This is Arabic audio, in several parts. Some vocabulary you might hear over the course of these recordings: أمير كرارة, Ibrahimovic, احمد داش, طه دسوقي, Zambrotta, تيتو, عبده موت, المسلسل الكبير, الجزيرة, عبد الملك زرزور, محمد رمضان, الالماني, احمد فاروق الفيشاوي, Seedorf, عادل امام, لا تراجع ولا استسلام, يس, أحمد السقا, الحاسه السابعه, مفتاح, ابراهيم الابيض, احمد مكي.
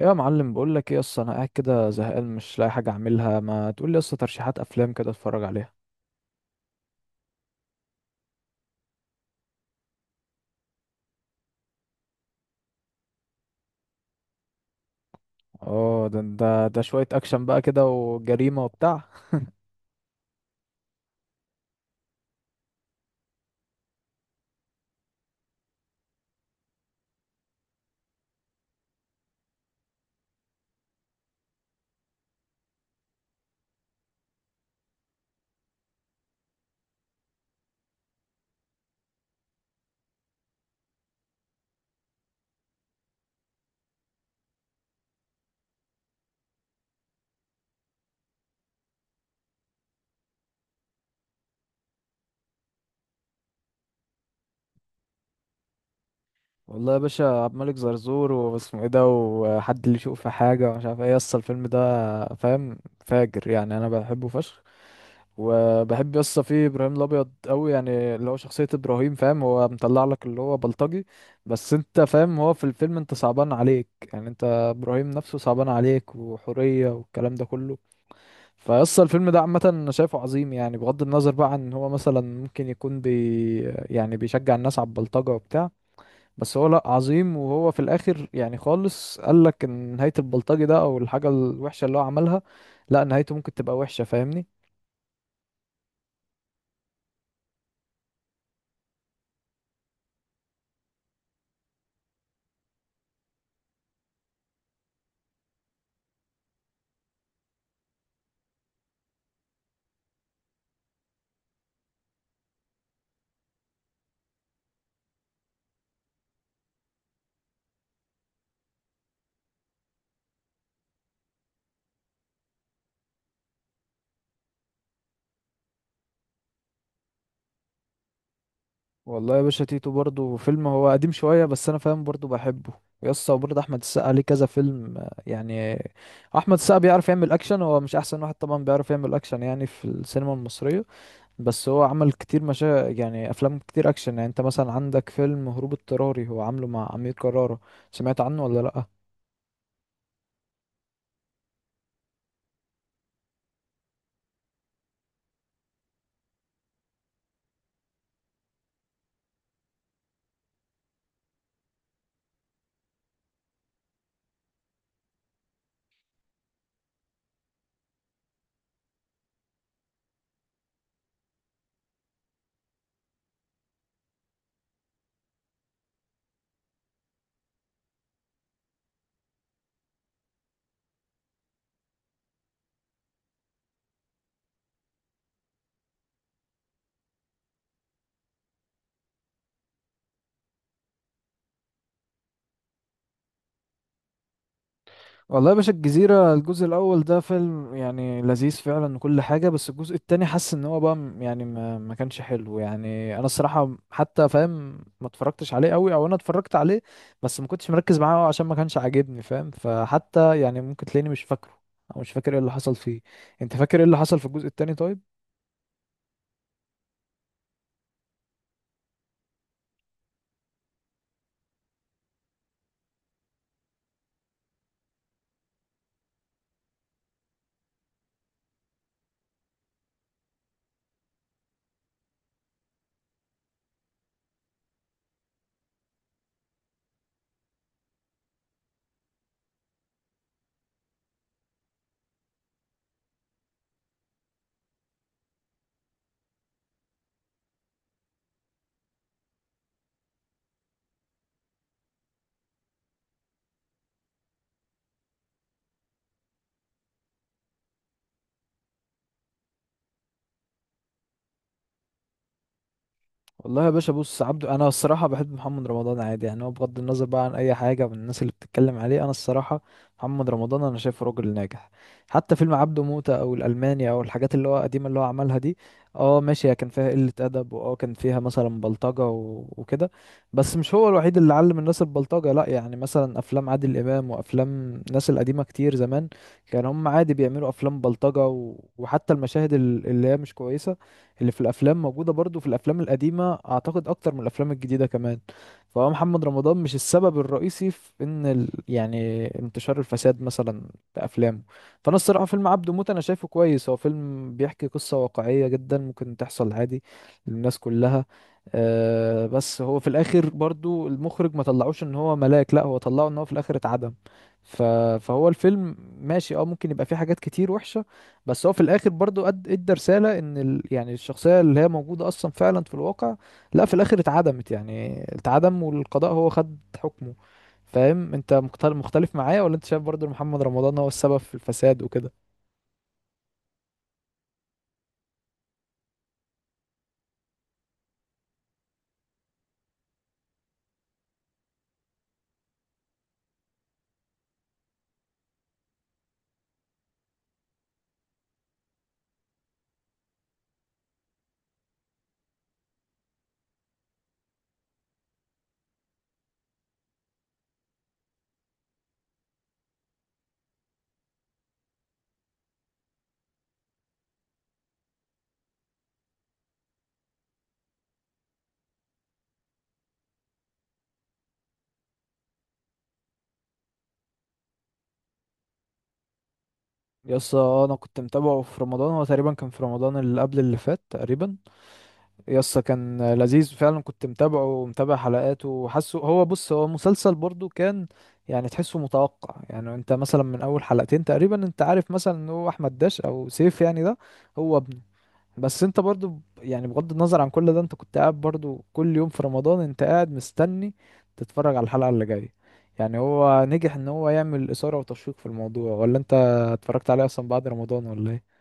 يا معلم، بقول لك ايه؟ اصل انا قاعد كده زهقان مش لاقي حاجه اعملها، ما تقول لي اصل ترشيحات افلام كده اتفرج عليها. اه، ده شويه اكشن بقى كده وجريمه وبتاع. والله يا باشا، عبد الملك زرزور، واسمه ايه ده، وحد اللي يشوف في حاجه ومش عارف ايه اصل الفيلم ده. فاهم؟ فاجر، يعني انا بحبه فشخ. وبحب يسطا فيه ابراهيم الابيض قوي، يعني اللي هو شخصيه ابراهيم، فاهم، هو مطلع لك اللي هو بلطجي. بس انت فاهم، هو في الفيلم انت صعبان عليك، يعني انت ابراهيم نفسه صعبان عليك وحوريه والكلام ده كله. فيسطا الفيلم ده عامه انا شايفه عظيم، يعني بغض النظر بقى عن ان هو مثلا ممكن يكون يعني بيشجع الناس على البلطجه وبتاع. بس هو لا، عظيم، وهو في الاخر يعني خالص قال لك ان نهايه البلطجي ده او الحاجه الوحشه اللي هو عملها، لا نهايته ممكن تبقى وحشه، فاهمني؟ والله يا باشا، تيتو برضو فيلم هو قديم شوية، بس أنا فاهم برضو بحبه يسطا. وبرضه أحمد السقا ليه كذا فيلم، يعني أحمد السقا بيعرف يعمل أكشن. هو مش أحسن واحد طبعا بيعرف يعمل أكشن يعني في السينما المصرية، بس هو عمل كتير يعني أفلام كتير أكشن. يعني أنت مثلا عندك فيلم هروب اضطراري، هو عامله مع أمير كرارة، سمعت عنه ولا لأ؟ والله يا باشا، الجزيرة الجزء الأول ده فيلم يعني لذيذ فعلا وكل حاجة. بس الجزء التاني حاسس إن هو بقى يعني ما كانش حلو. يعني أنا الصراحة حتى فاهم ما اتفرجتش عليه أوي، أو أنا اتفرجت عليه بس ما كنتش مركز معاه أوي عشان ما كانش عاجبني، فاهم، فحتى يعني ممكن تلاقيني مش فاكره أو مش فاكر إيه اللي حصل فيه. أنت فاكر إيه اللي حصل في الجزء التاني طيب؟ والله يا باشا بص، عبده، انا الصراحه بحب محمد رمضان عادي، يعني هو بغض النظر بقى عن اي حاجه من الناس اللي بتتكلم عليه. انا الصراحه محمد رمضان انا شايفه راجل ناجح. حتى فيلم عبده موتة او الالماني او الحاجات اللي هو قديمه اللي هو عملها دي، اه ماشي هي كان فيها قله ادب، واه كان فيها مثلا بلطجه وكده. بس مش هو الوحيد اللي علم الناس البلطجه، لا، يعني مثلا افلام عادل امام وافلام الناس القديمه كتير زمان كان هم عادي بيعملوا افلام بلطجه وحتى المشاهد اللي هي مش كويسه اللي في الافلام موجوده برضو في الافلام القديمه، اعتقد اكتر من الافلام الجديده كمان. فهو محمد رمضان مش السبب الرئيسي في ان يعني انتشار الفساد مثلا في افلامه. فانا الصراحه فيلم عبده موت انا شايفه كويس. هو فيلم بيحكي قصه واقعيه جدا ممكن تحصل عادي للناس كلها. أه بس هو في الاخر برضو المخرج ما طلعوش ان هو ملاك، لا، هو طلعه ان هو في الاخر اتعدم، ف... فهو الفيلم ماشي، اه ممكن يبقى فيه حاجات كتير وحشة، بس هو في الاخر برضو قد ادى رساله ان يعني الشخصيه اللي هي موجوده اصلا فعلا في الواقع، لا، في الاخر اتعدمت، يعني اتعدم والقضاء هو خد حكمه. فاهم انت مختلف معايا ولا انت شايف برضو إن محمد رمضان هو السبب في الفساد وكده؟ يس، انا كنت متابعه في رمضان. هو تقريبا كان في رمضان اللي قبل اللي فات تقريبا، يسا كان لذيذ فعلا. كنت متابعه ومتابع حلقاته وحاسه هو، بص، هو مسلسل برضو كان يعني تحسه متوقع. يعني انت مثلا من اول حلقتين تقريبا انت عارف مثلا ان هو احمد داش او سيف يعني ده هو ابنه. بس انت برضو يعني بغض النظر عن كل ده انت كنت قاعد برضو كل يوم في رمضان انت قاعد مستني تتفرج على الحلقة اللي جاية. يعني هو نجح ان هو يعمل اثارة وتشويق في الموضوع، ولا انت اتفرجت عليه اصلا بعد رمضان ولا ايه؟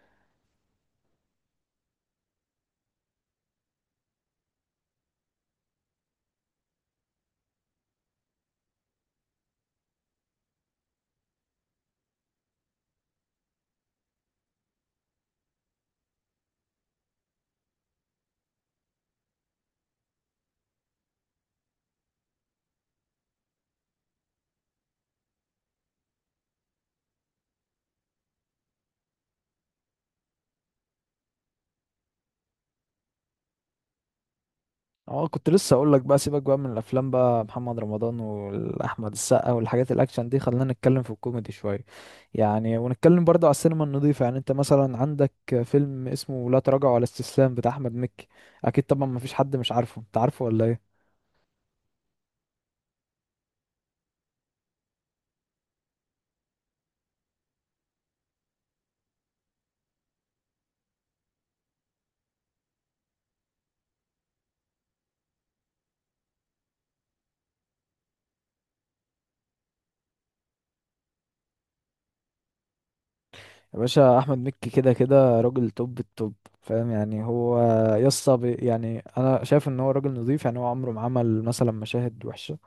اه، كنت لسه اقول لك بقى، سيبك بقى من الافلام بقى، محمد رمضان واحمد السقا والحاجات الاكشن دي، خلينا نتكلم في الكوميدي شويه، يعني ونتكلم برضه على السينما النظيفه. يعني انت مثلا عندك فيلم اسمه لا تراجع ولا استسلام بتاع احمد مكي، اكيد طبعا ما فيش حد مش عارفه، انت عارفه ولا ايه؟ يا باشا، احمد مكي كده كده راجل توب التوب. فاهم يعني هو يسطا، يعني انا شايف ان هو راجل نظيف. يعني هو عمره ما عمل مثلا مشاهد وحشه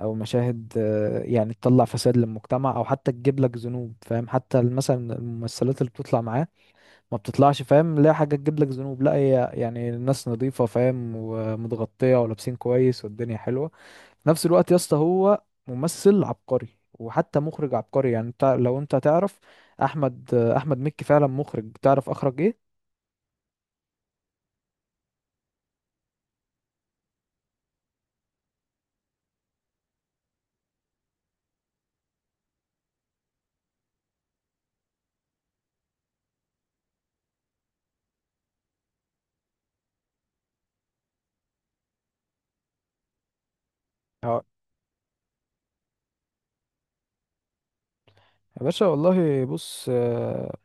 او مشاهد، يعني تطلع فساد للمجتمع او حتى تجيب لك ذنوب، فاهم، حتى مثلا الممثلات اللي بتطلع معاه ما بتطلعش، فاهم، لا حاجه تجيب لك ذنوب، لا هي يعني الناس نظيفه، فاهم، ومتغطيه ولابسين كويس والدنيا حلوه. في نفس الوقت يا اسطى هو ممثل عبقري، وحتى مخرج عبقري. يعني انت لو انت تعرف احمد مكي فعلا مخرج، تعرف اخرج ايه؟ اه يا باشا، والله، بص،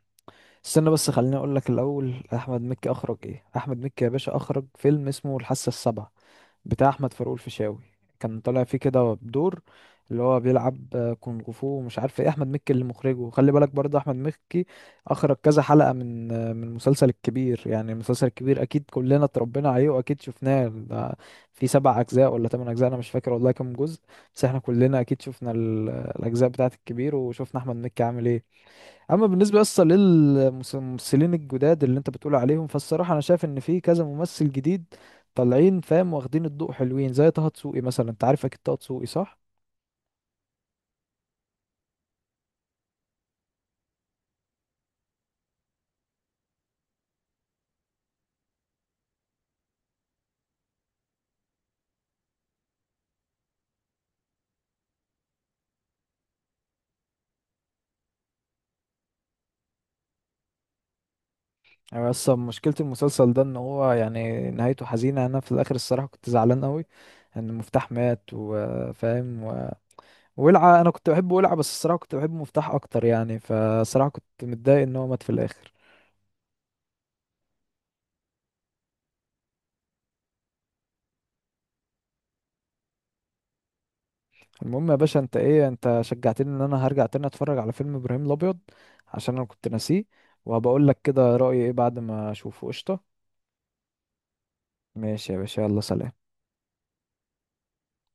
استنى بس خليني اقول لك الاول احمد مكي اخرج ايه. احمد مكي يا باشا اخرج فيلم اسمه الحاسه السابعه بتاع احمد فاروق الفيشاوي، كان طالع فيه كده بدور اللي هو بيلعب كونغ فو ومش عارف ايه، احمد مكي اللي مخرجه. خلي بالك برضه، احمد مكي اخرج كذا حلقه من المسلسل الكبير. يعني المسلسل الكبير اكيد كلنا اتربينا عليه واكيد شفناه ده، في سبع اجزاء ولا ثمان اجزاء انا مش فاكر والله كام جزء. بس احنا كلنا اكيد شفنا الاجزاء بتاعه الكبير وشفنا احمد مكي عامل ايه. اما بالنسبه اصلا للممثلين الجداد اللي انت بتقول عليهم، فالصراحه انا شايف ان في كذا ممثل جديد طالعين، فاهم، واخدين الضوء، حلوين زي طه دسوقي مثلا، انت عارف اكيد طه دسوقي صح؟ يعني اصلا مشكله المسلسل ده ان هو يعني نهايته حزينه. انا في الاخر الصراحه كنت زعلان قوي ان مفتاح مات، وفاهم ولعه. انا كنت بحب ولعه بس الصراحه كنت بحب مفتاح اكتر، يعني فصراحه كنت متضايق ان هو مات في الاخر. المهم يا باشا، انت ايه، انت شجعتني ان انا هرجع تاني اتفرج على فيلم ابراهيم الابيض عشان انا كنت ناسيه، وهبقول لك كده رأيي ايه بعد ما اشوفه. قشطة. ماشي يا باشا، يلا سلام.